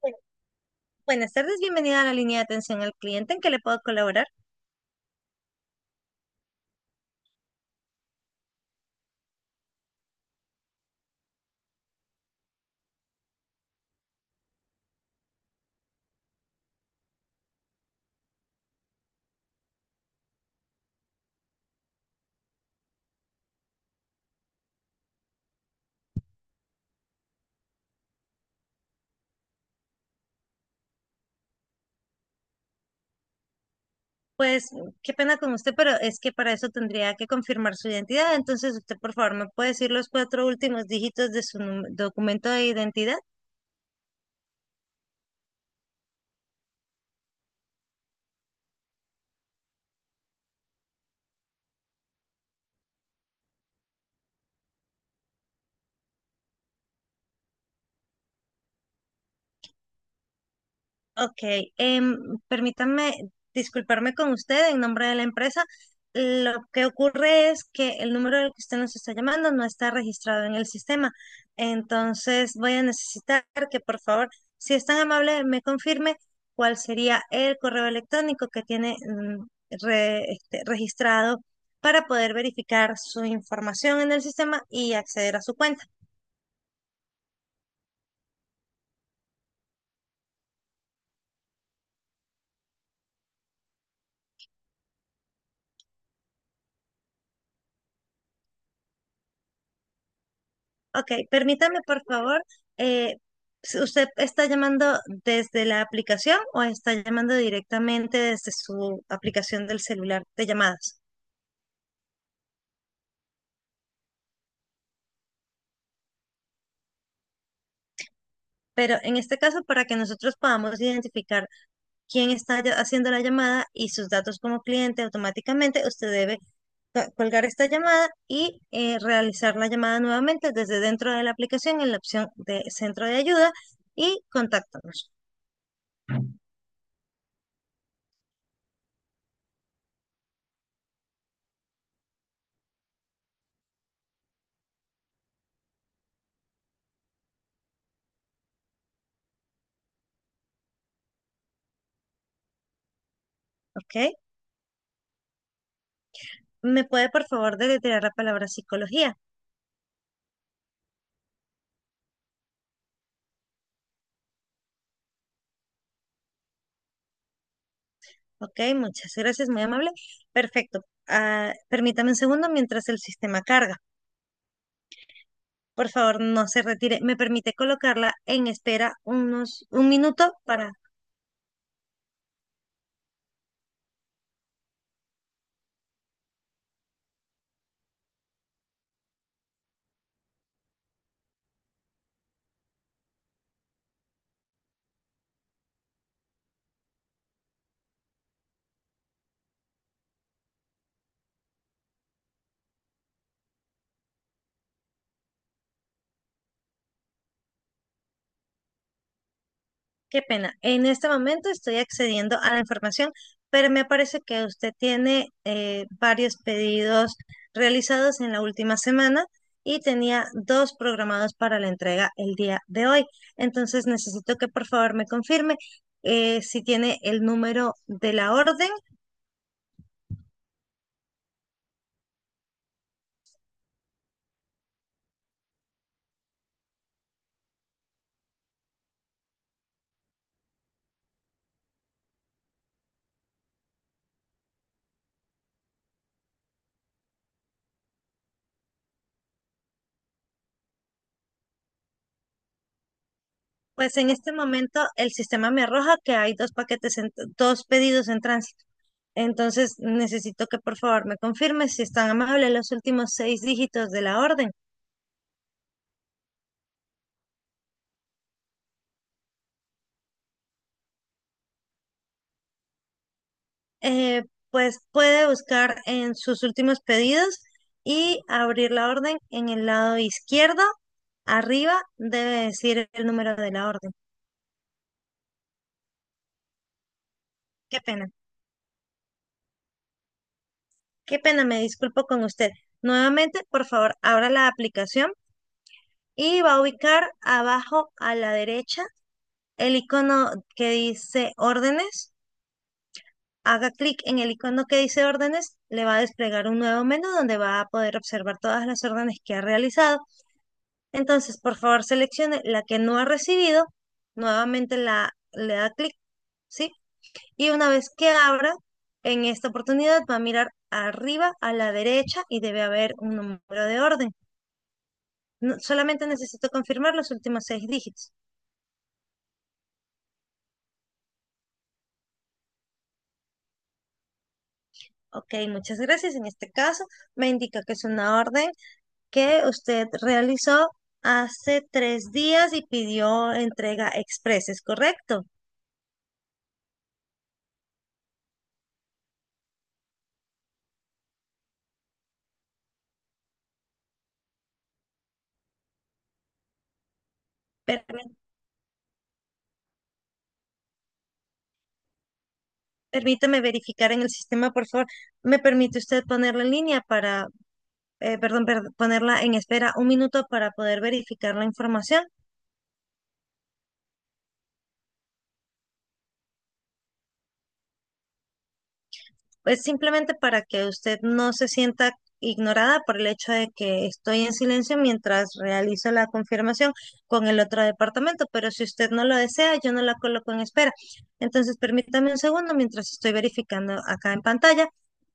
Bueno, buenas tardes, bienvenida a la línea de atención al cliente. ¿En qué le puedo colaborar? Pues qué pena con usted, pero es que para eso tendría que confirmar su identidad. Entonces, usted, por favor, ¿me puede decir los cuatro últimos dígitos de su documento de identidad? Ok, permítanme disculparme con usted en nombre de la empresa. Lo que ocurre es que el número del que usted nos está llamando no está registrado en el sistema. Entonces voy a necesitar que por favor, si es tan amable, me confirme cuál sería el correo electrónico que tiene registrado para poder verificar su información en el sistema y acceder a su cuenta. Ok, permítame por favor, eh, si ¿usted está llamando desde la aplicación o está llamando directamente desde su aplicación del celular de llamadas? Pero en este caso, para que nosotros podamos identificar quién está haciendo la llamada y sus datos como cliente automáticamente, usted debe colgar esta llamada y realizar la llamada nuevamente desde dentro de la aplicación en la opción de centro de ayuda y contáctanos, ¿ok? ¿Me puede por favor deletrear la palabra psicología? Ok, muchas gracias, muy amable. Perfecto. Ah, permítame un segundo mientras el sistema carga. Por favor, no se retire. ¿Me permite colocarla en espera unos un minuto para... Qué pena. En este momento estoy accediendo a la información, pero me parece que usted tiene varios pedidos realizados en la última semana y tenía dos programados para la entrega el día de hoy. Entonces necesito que por favor me confirme si tiene el número de la orden. Pues en este momento el sistema me arroja que hay dos dos pedidos en tránsito. Entonces necesito que por favor me confirme si están amables los últimos seis dígitos de la orden. Eh, pues puede buscar en sus últimos pedidos y abrir la orden en el lado izquierdo. Arriba debe decir el número de la orden. Qué pena, qué pena, me disculpo con usted. Nuevamente, por favor, abra la aplicación y va a ubicar abajo a la derecha el icono que dice órdenes, haga clic en el icono que dice órdenes, le va a desplegar un nuevo menú donde va a poder observar todas las órdenes que ha realizado. Entonces, por favor, seleccione la que no ha recibido, nuevamente la, le da clic, ¿sí? Y una vez que abra, en esta oportunidad va a mirar arriba a la derecha y debe haber un número de orden. Solamente necesito confirmar los últimos seis dígitos. Ok, muchas gracias. En este caso, me indica que es una orden que usted realizó hace 3 días y pidió entrega express, ¿es correcto? Permí- Permítame verificar en el sistema, por favor. ¿Me permite usted ponerla en línea para, perdón, ponerla en espera un minuto para poder verificar la información? Es simplemente para que usted no se sienta ignorada por el hecho de que estoy en silencio mientras realizo la confirmación con el otro departamento, pero si usted no lo desea, yo no la coloco en espera. Entonces, permítame un segundo mientras estoy verificando acá en pantalla.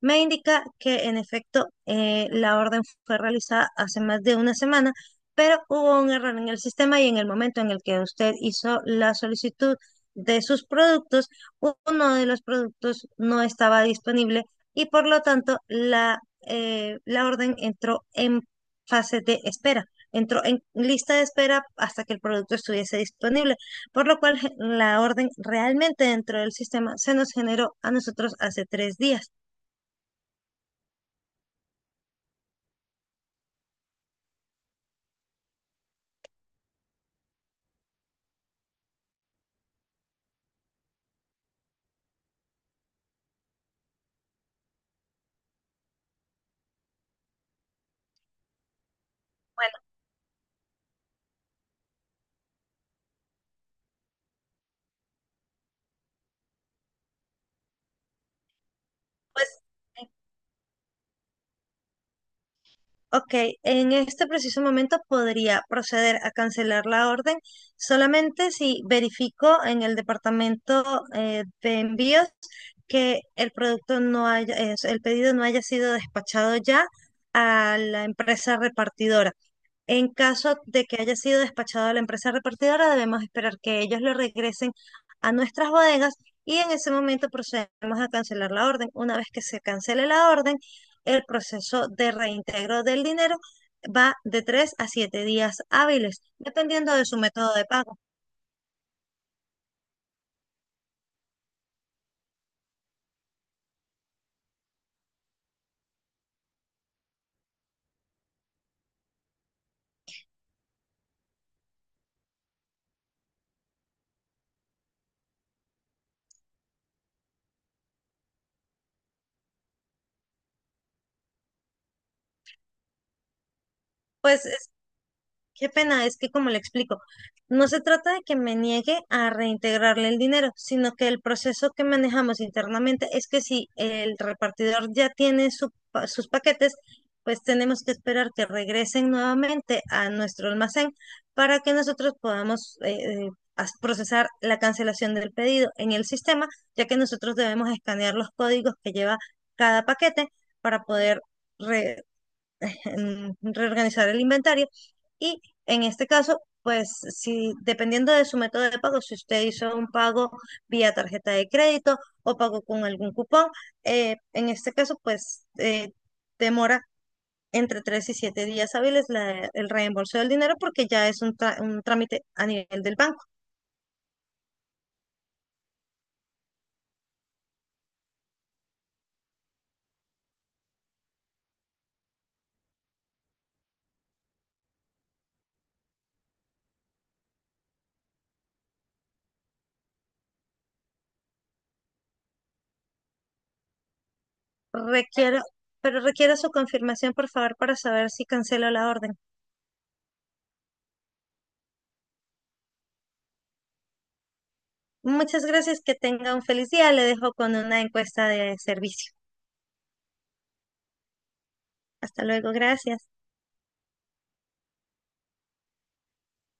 Me indica que en efecto, la orden fue realizada hace más de una semana, pero hubo un error en el sistema y en el momento en el que usted hizo la solicitud de sus productos, uno de los productos no estaba disponible y por lo tanto la orden entró en fase de espera, entró en lista de espera hasta que el producto estuviese disponible, por lo cual la orden realmente dentro del sistema se nos generó a nosotros hace 3 días. Bueno, pues, ok, en este preciso momento podría proceder a cancelar la orden solamente si verifico en el departamento de envíos que el producto no haya, es- el pedido no haya sido despachado ya a la empresa repartidora. En caso de que haya sido despachado a la empresa repartidora, debemos esperar que ellos lo regresen a nuestras bodegas y en ese momento procedemos a cancelar la orden. Una vez que se cancele la orden, el proceso de reintegro del dinero va de 3 a 7 días hábiles, dependiendo de su método de pago. Pues qué pena, es que como le explico, no se trata de que me niegue a reintegrarle el dinero, sino que el proceso que manejamos internamente es que si el repartidor ya tiene sus paquetes, pues tenemos que esperar que regresen nuevamente a nuestro almacén para que nosotros podamos procesar la cancelación del pedido en el sistema, ya que nosotros debemos escanear los códigos que lleva cada paquete para poder re en reorganizar el inventario. Y en este caso, pues si dependiendo de su método de pago, si usted hizo un pago vía tarjeta de crédito o pago con algún cupón, en este caso, pues demora entre 3 y 7 días hábiles el reembolso del dinero porque ya es un trámite a nivel del banco. Requiero, pero requiero su confirmación, por favor, para saber si cancelo la orden. Muchas gracias, que tenga un feliz día. Le dejo con una encuesta de servicio. Hasta luego, gracias.